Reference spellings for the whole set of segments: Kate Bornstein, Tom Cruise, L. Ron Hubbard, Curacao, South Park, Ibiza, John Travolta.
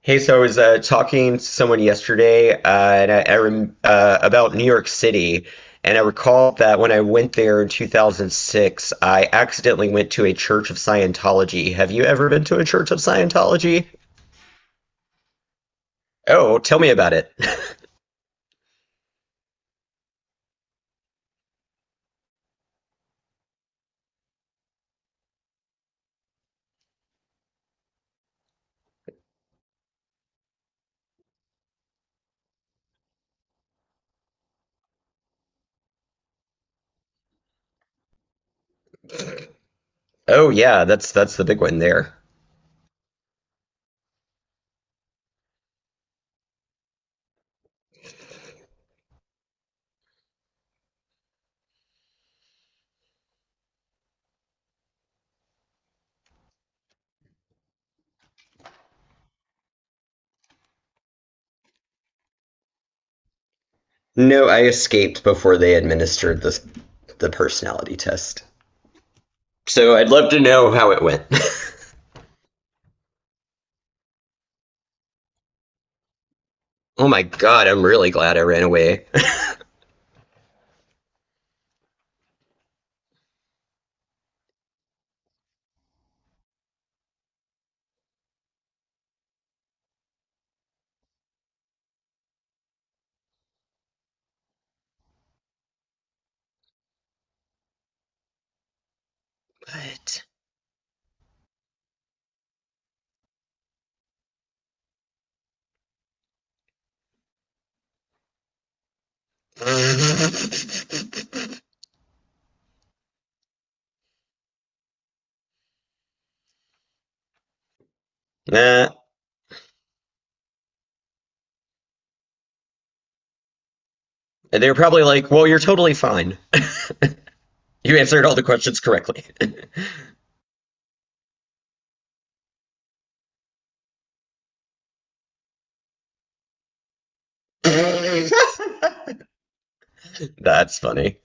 Hey, so I was talking to someone yesterday, and I rem about New York City, and I recall that when I went there in 2006, I accidentally went to a Church of Scientology. Have you ever been to a Church of Scientology? Oh, tell me about it. Oh, yeah, that's the big one there. No, I escaped before they administered the personality test. So I'd love to know how it went. Oh my God, I'm really glad I ran away. What? Mhm. Nah. And they were probably like, well, you're totally fine. You answered all the questions correctly. That's funny.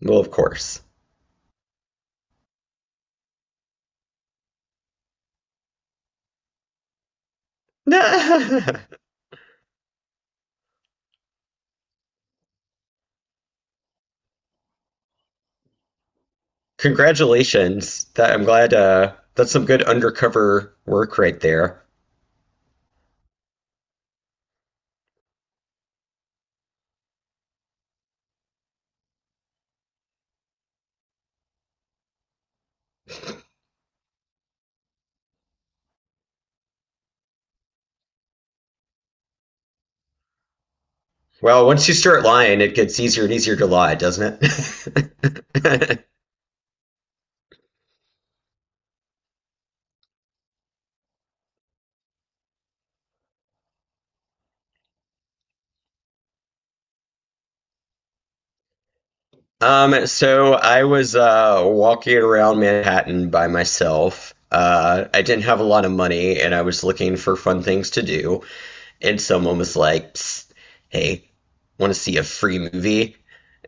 Well, of course. Congratulations. That I'm glad that's some good undercover work right there. Well, once you start lying, it gets easier and easier to lie, doesn't it? So I was walking around Manhattan by myself. I didn't have a lot of money, and I was looking for fun things to do. And someone was like, psst, "Hey, want to see a free movie?"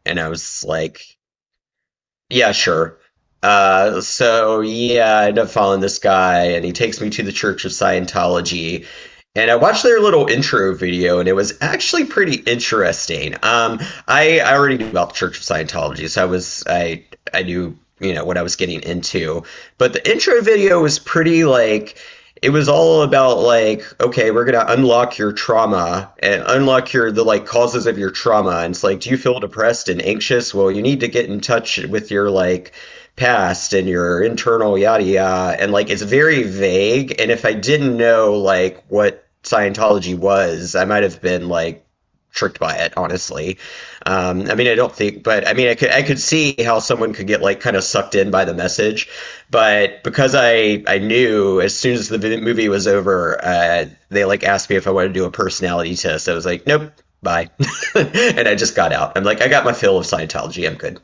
And I was like, yeah, sure. So yeah, I end up following this guy, and he takes me to the Church of Scientology. And I watched their little intro video, and it was actually pretty interesting. I already knew about the Church of Scientology, so I was I knew you know what I was getting into. But the intro video was pretty like it was all about like, okay, we're gonna unlock your trauma and unlock your the like causes of your trauma, and it's like, do you feel depressed and anxious? Well, you need to get in touch with your like past and your internal yada yada, and like it's very vague, and if I didn't know like what Scientology was, I might have been like tricked by it honestly. Um, I mean, I don't think, but I mean, I could see how someone could get like kind of sucked in by the message, but because I knew as soon as the movie was over, they like asked me if I wanted to do a personality test. I was like, nope, bye, and I just got out. I'm like, I got my fill of Scientology. I'm good.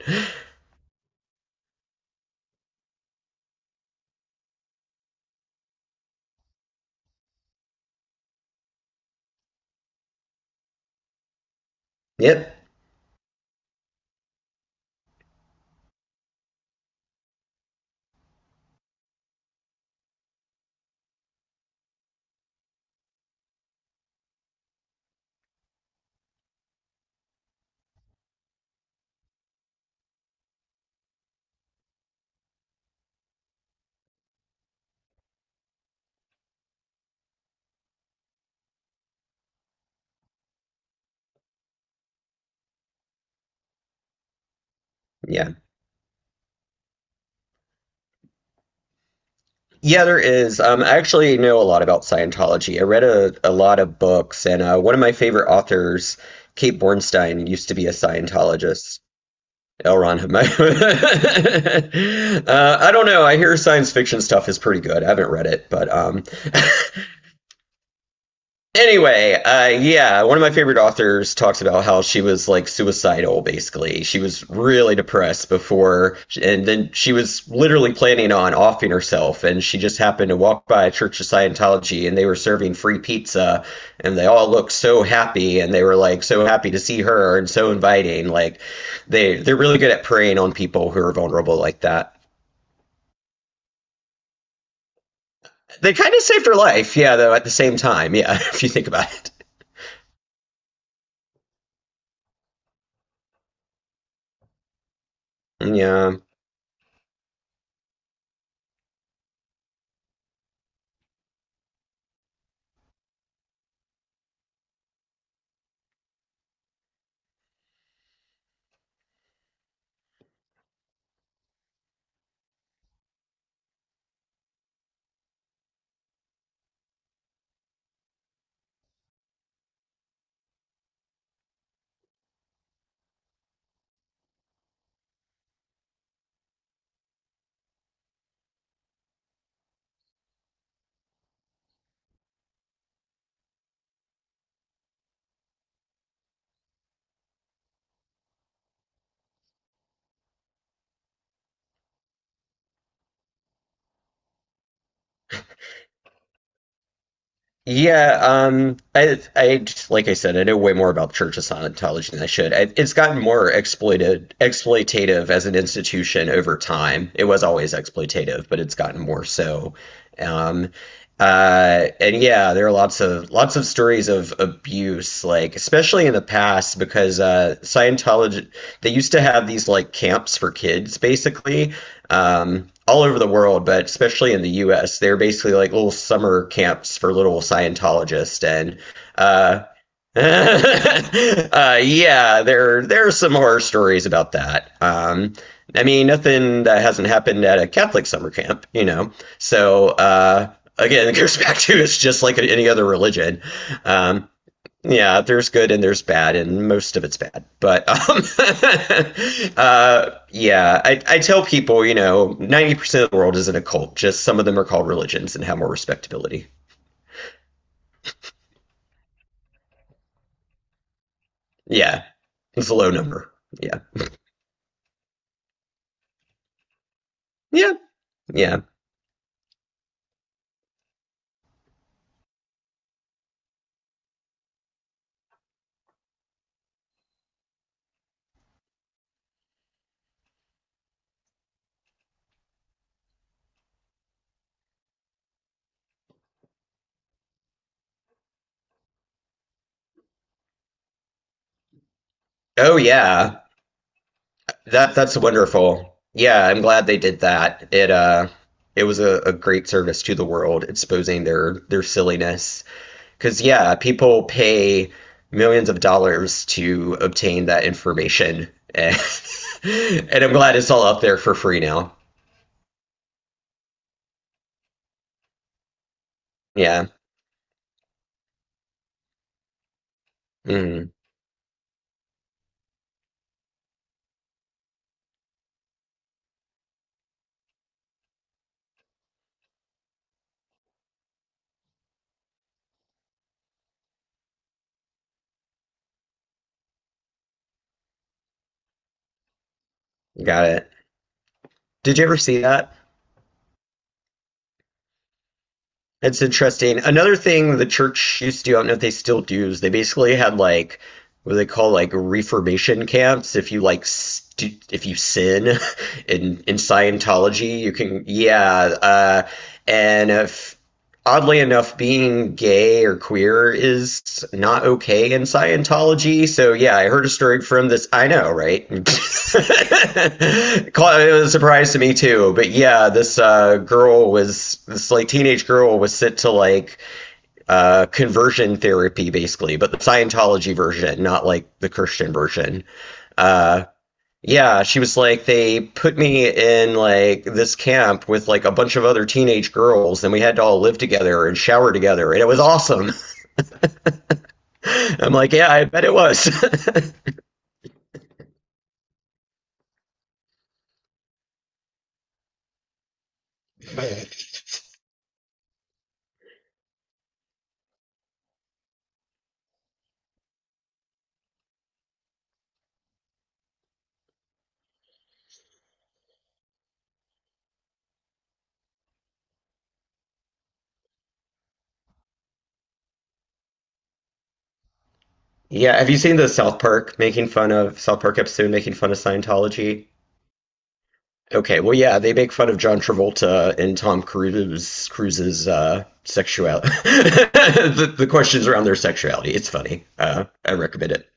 Yep, yeah. Yeah, there is. I actually know a lot about Scientology. I read a lot of books, and one of my favorite authors, Kate Bornstein, used to be a Scientologist. L. Ron Hubbard. I don't know. I hear science fiction stuff is pretty good. I haven't read it, but anyway, yeah, one of my favorite authors talks about how she was like suicidal, basically. She was really depressed before, and then she was literally planning on offing herself, and she just happened to walk by a Church of Scientology, and they were serving free pizza, and they all looked so happy, and they were like so happy to see her and so inviting. Like they're really good at preying on people who are vulnerable like that. They kind of saved her life, yeah, though at the same time, yeah, if you think about it. Yeah. Yeah, I just- like I said, I know way more about Church of Scientology than I should. I, it's gotten more exploitative as an institution over time. It was always exploitative, but it's gotten more so. Um, and yeah, there are lots of stories of abuse, like especially in the past, because Scientology they used to have these like camps for kids, basically, all over the world, but especially in the U.S. They're basically like little summer camps for little Scientologists, and uh, yeah, there are some horror stories about that. I mean, nothing that hasn't happened at a Catholic summer camp, you know. So again, it goes back to it's just like any other religion. Um, yeah, there's good and there's bad, and most of it's bad. But yeah, I tell people, you know, 90% of the world isn't a cult. Just some of them are called religions and have more respectability. Yeah, it's a low number. Yeah, yeah, yeah. Oh yeah, that's wonderful. Yeah, I'm glad they did that. It it was a great service to the world, exposing their silliness. Because, yeah, people pay millions of dollars to obtain that information. And I'm glad it's all up there for free now. Yeah. Mm, got it. Did you ever see that? It's interesting. Another thing the church used to do, I don't know if they still do, is they basically had like what they call like reformation camps. If you like, st if you sin in Scientology, you can, yeah. And if oddly enough, being gay or queer is not okay in Scientology. So yeah, I heard a story from this. I know, right? it was a surprise to me too. But yeah, this like teenage girl was sent to like conversion therapy, basically, but the Scientology version, not like the Christian version. Uh, yeah, she was like, they put me in like this camp with like a bunch of other teenage girls, and we had to all live together and shower together, and it was awesome. I'm like, yeah, I bet it was. Yeah, have you seen the South Park episode making fun of Scientology? Okay, well, yeah, they make fun of John Travolta and Tom Cruise Cruise's sexuality. The questions around their sexuality. It's funny. I recommend it.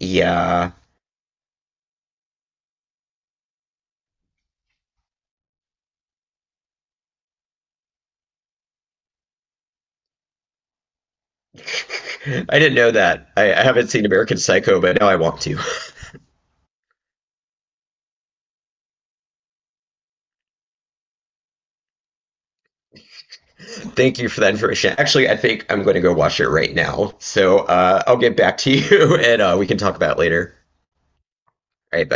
Yeah. I didn't know that. I haven't seen American Psycho, but now I want to. Thank you for that information. Actually, I think I'm going to go watch it right now. So I'll get back to you, and we can talk about it later. All right, bye.